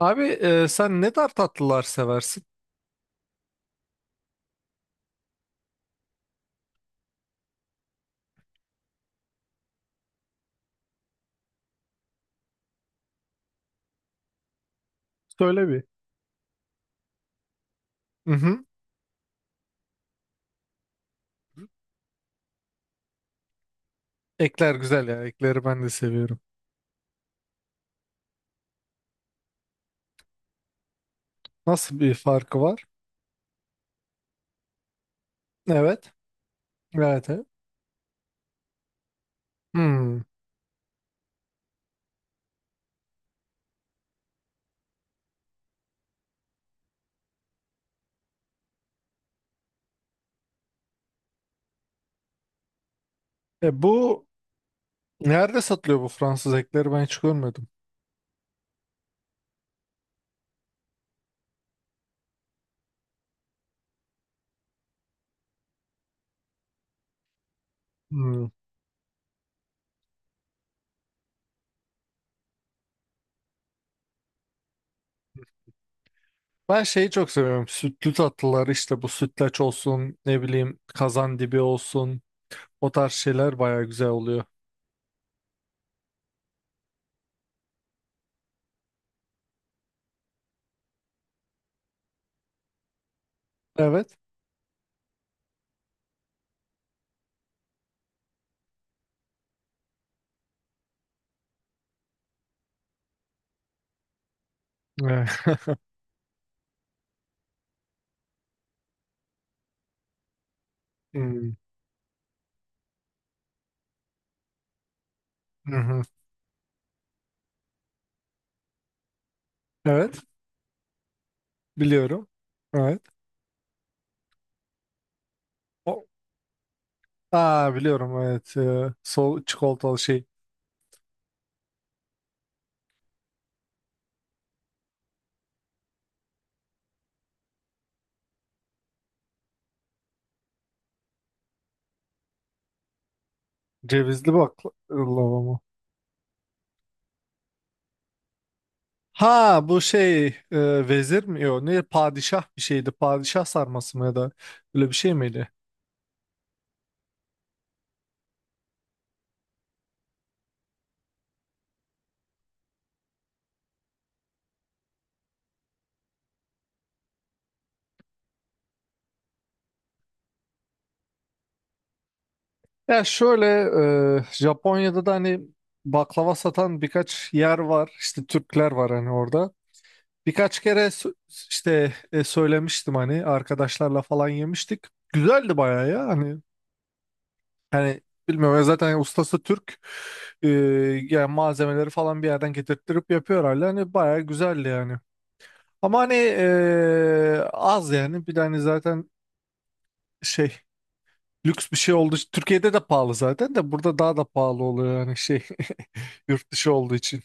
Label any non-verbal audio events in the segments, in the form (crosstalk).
Abi, sen ne tarz tatlılar seversin? Söyle bir. Mhm. Ekler güzel ya. Ekleri ben de seviyorum. Nasıl bir farkı var? Evet. Evet. Evet. Hmm. Bu nerede satılıyor bu Fransız ekleri, ben hiç görmedim. Hmm. Ben şeyi çok seviyorum. Sütlü tatlılar işte, bu sütlaç olsun, ne bileyim kazandibi olsun. O tarz şeyler baya güzel oluyor. Evet. Evet. (laughs) Hmm. Mhm. Evet. Biliyorum. Evet. O- Aa, biliyorum, evet. Sol çikolatalı şey. Cevizli baklava mı? Ha, bu şey vezir mi? Yok, ne padişah bir şeydi. Padişah sarması mı ya da öyle bir şey miydi? Ya şöyle, Japonya'da da hani baklava satan birkaç yer var. İşte Türkler var hani orada. Birkaç kere işte, söylemiştim hani arkadaşlarla falan yemiştik. Güzeldi bayağı ya hani. Yani bilmiyorum ya, zaten ustası Türk. Ee, Yani malzemeleri falan bir yerden getirttirip yapıyor hala. Hani bayağı güzeldi yani. Ama hani, az yani. Bir de hani zaten şey, lüks bir şey olduğu için. Türkiye'de de pahalı zaten, de burada daha da pahalı oluyor yani şey, (laughs) yurt dışı olduğu için.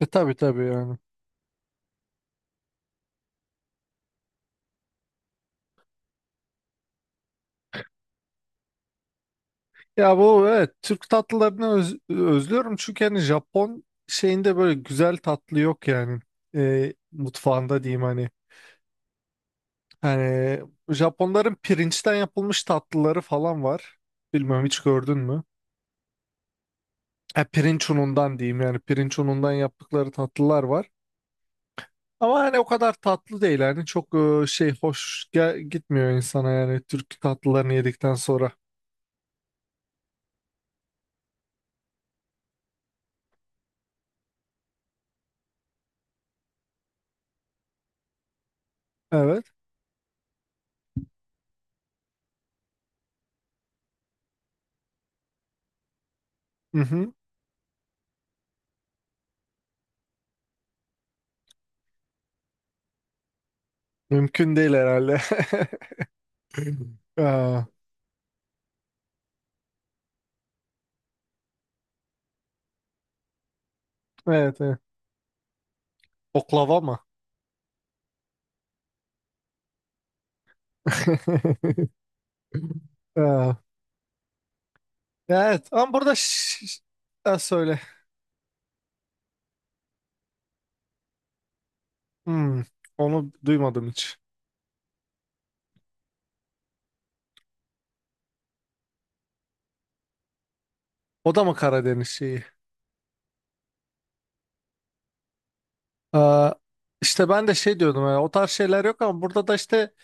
Tabii, tabii yani. Ya bu, evet, Türk tatlılarını özlüyorum çünkü hani Japon şeyinde böyle güzel tatlı yok yani. Mutfağında diyeyim hani. Yani Japonların pirinçten yapılmış tatlıları falan var. Bilmiyorum, hiç gördün mü? Pirinç unundan diyeyim yani, pirinç unundan yaptıkları tatlılar var. Ama hani o kadar tatlı değil yani, çok şey, hoş gitmiyor insana yani Türk tatlılarını yedikten sonra. Evet. Hı hı. Mümkün değil herhalde. (laughs) Aa, evet, evet. Oklava mı? (laughs) Aa, evet ama burada. Ha, söyle. Hmm, onu duymadım hiç. O da mı Karadeniz şeyi? Aa, işte ben de şey diyordum yani, o tarz şeyler yok ama burada da işte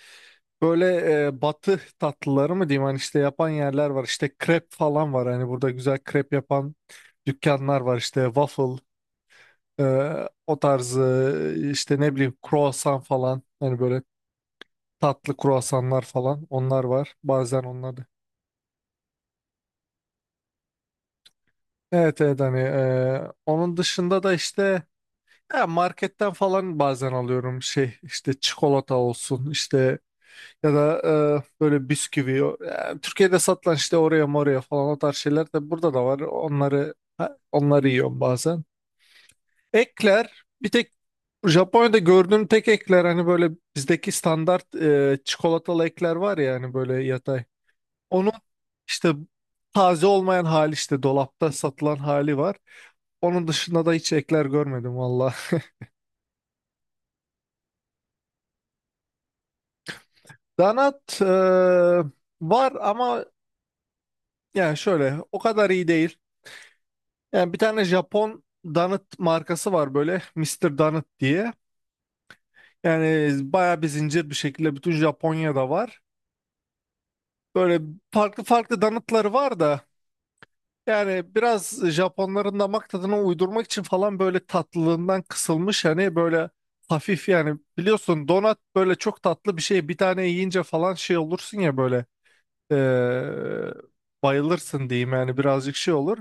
böyle, batı tatlıları mı diyeyim hani, işte yapan yerler var, işte krep falan var hani, burada güzel krep yapan dükkanlar var, işte waffle, e, o tarzı işte ne bileyim croissant falan, hani böyle tatlı croissanlar falan, onlar var bazen, onlar da. Evet, evet hani, onun dışında da işte ya marketten falan bazen alıyorum şey, işte çikolata olsun işte. Ya da böyle bisküvi. Yani Türkiye'de satılan işte oraya moraya falan, o tarz şeyler de burada da var. Onları, ha, onları yiyorum bazen. Ekler, bir tek Japonya'da gördüğüm tek ekler hani böyle bizdeki standart, çikolatalı ekler var ya hani böyle yatay. Onun işte taze olmayan hali, işte dolapta satılan hali var. Onun dışında da hiç ekler görmedim valla. (laughs) Donut var ama, yani şöyle, o kadar iyi değil. Yani bir tane Japon Donut markası var, böyle Mister Donut diye. Yani bayağı bir zincir bir şekilde bütün Japonya'da var. Böyle farklı farklı donutları var da, yani biraz Japonların damak tadına uydurmak için falan böyle tatlılığından kısılmış hani, böyle hafif. Yani biliyorsun donut böyle çok tatlı bir şey, bir tane yiyince falan şey olursun ya böyle. Ee, Bayılırsın diyeyim yani, birazcık şey olur.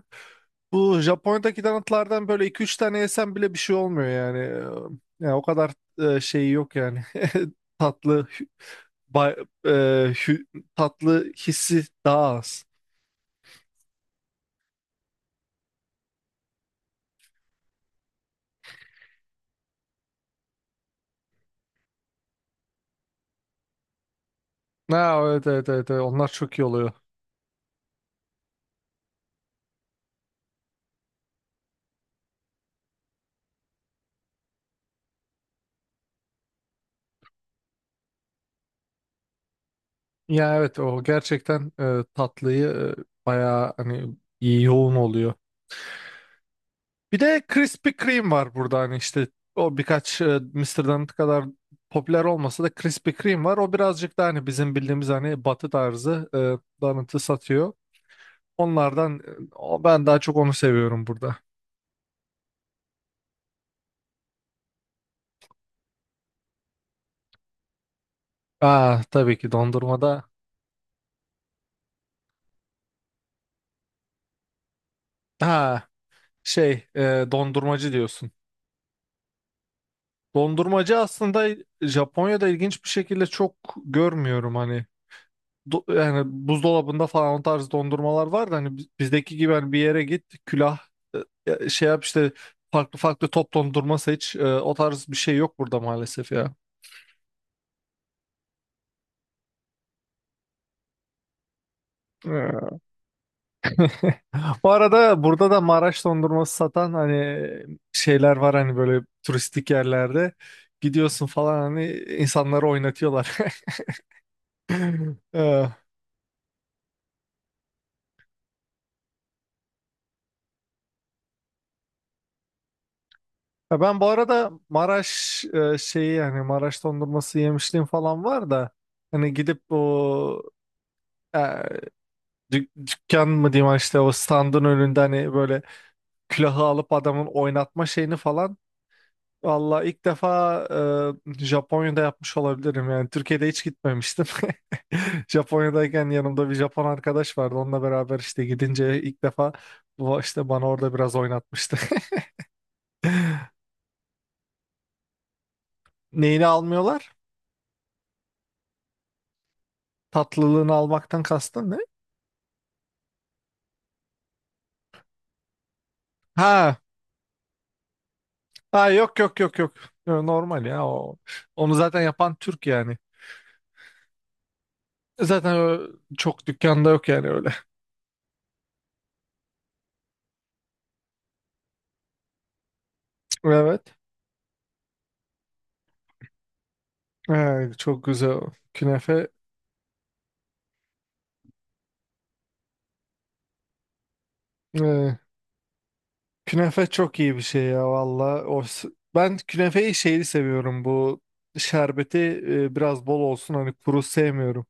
Bu Japonya'daki donutlardan böyle iki üç tane yesen bile bir şey olmuyor yani. Ee, Yani o kadar şeyi yok yani. (laughs) Tatlı hü- bay- e, hü- Tatlı hissi daha az. Ha, evet, evet, evet, evet. Onlar çok iyi oluyor. Ya evet, o gerçekten, tatlıyı, bayağı hani iyi yoğun oluyor. Bir de Krispy Kreme var burada hani işte, o birkaç, Mr. Donut kadar popüler olmasa da Krispy Kreme var. O birazcık da hani bizim bildiğimiz hani batı tarzı, donut'ı satıyor. Onlardan, o, ben daha çok onu seviyorum burada. Aa, tabii ki dondurmada. Ha, şey, dondurmacı diyorsun. Dondurmacı aslında Japonya'da ilginç bir şekilde çok görmüyorum hani. Yani buzdolabında falan o tarz dondurmalar var da hani, bizdeki gibi hani, bir yere git külah, şey yap işte, farklı farklı top dondurma seç. O tarz bir şey yok burada maalesef ya. Ha. Bu arada burada da Maraş dondurması satan hani şeyler var hani, böyle turistik yerlerde gidiyorsun falan, hani insanları oynatıyorlar. (laughs) Ee, Ya ben bu arada Maraş, şeyi, yani Maraş dondurması yemişliğim falan var da hani gidip o dükkan mı diyeyim hani, işte o standın önünde hani böyle külahı alıp adamın oynatma şeyini falan. Valla ilk defa, Japonya'da yapmış olabilirim yani. Türkiye'de hiç gitmemiştim. (laughs) Japonya'dayken yanımda bir Japon arkadaş vardı. Onunla beraber işte gidince ilk defa bu işte bana orada biraz oynatmıştı. (laughs) Neyini almıyorlar? Tatlılığını almaktan kastın ne? Ha, ha yok, yok, yok, yok. Yo, normal ya o. Onu zaten yapan Türk yani. Zaten çok dükkanda yok yani öyle. Evet. Çok güzel. Künefe, e, künefe çok iyi bir şey ya valla. O, ben künefeyi şeyli seviyorum, bu şerbeti, biraz bol olsun hani, kuru sevmiyorum.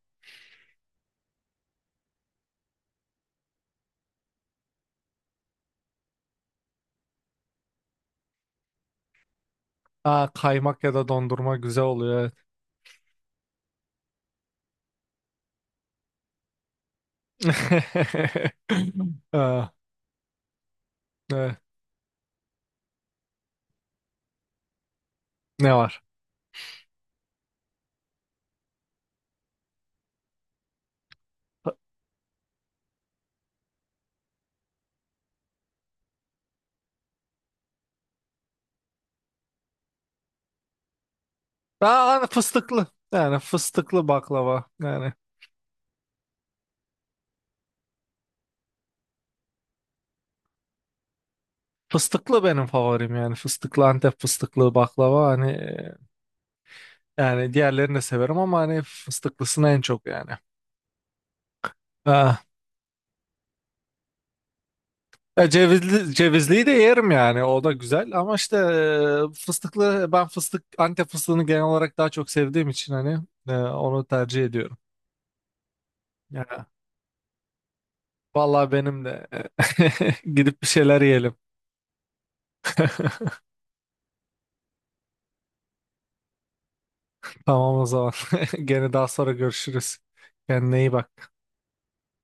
Aa, kaymak ya da dondurma güzel oluyor. Evet. (laughs) Aa, evet. Ne var? Aa, hani fıstıklı. Yani fıstıklı baklava. Yani fıstıklı benim favorim, yani fıstıklı Antep fıstıklı baklava hani, yani diğerlerini de severim ama hani fıstıklısını en çok yani. Ha. Ya cevizli, cevizliyi de yerim yani, o da güzel ama işte fıstıklı, ben Antep fıstığını genel olarak daha çok sevdiğim için hani, onu tercih ediyorum. Ya vallahi benim de (laughs) gidip bir şeyler yiyelim. (laughs) Tamam o zaman, (laughs) gene daha sonra görüşürüz. Kendine iyi bak.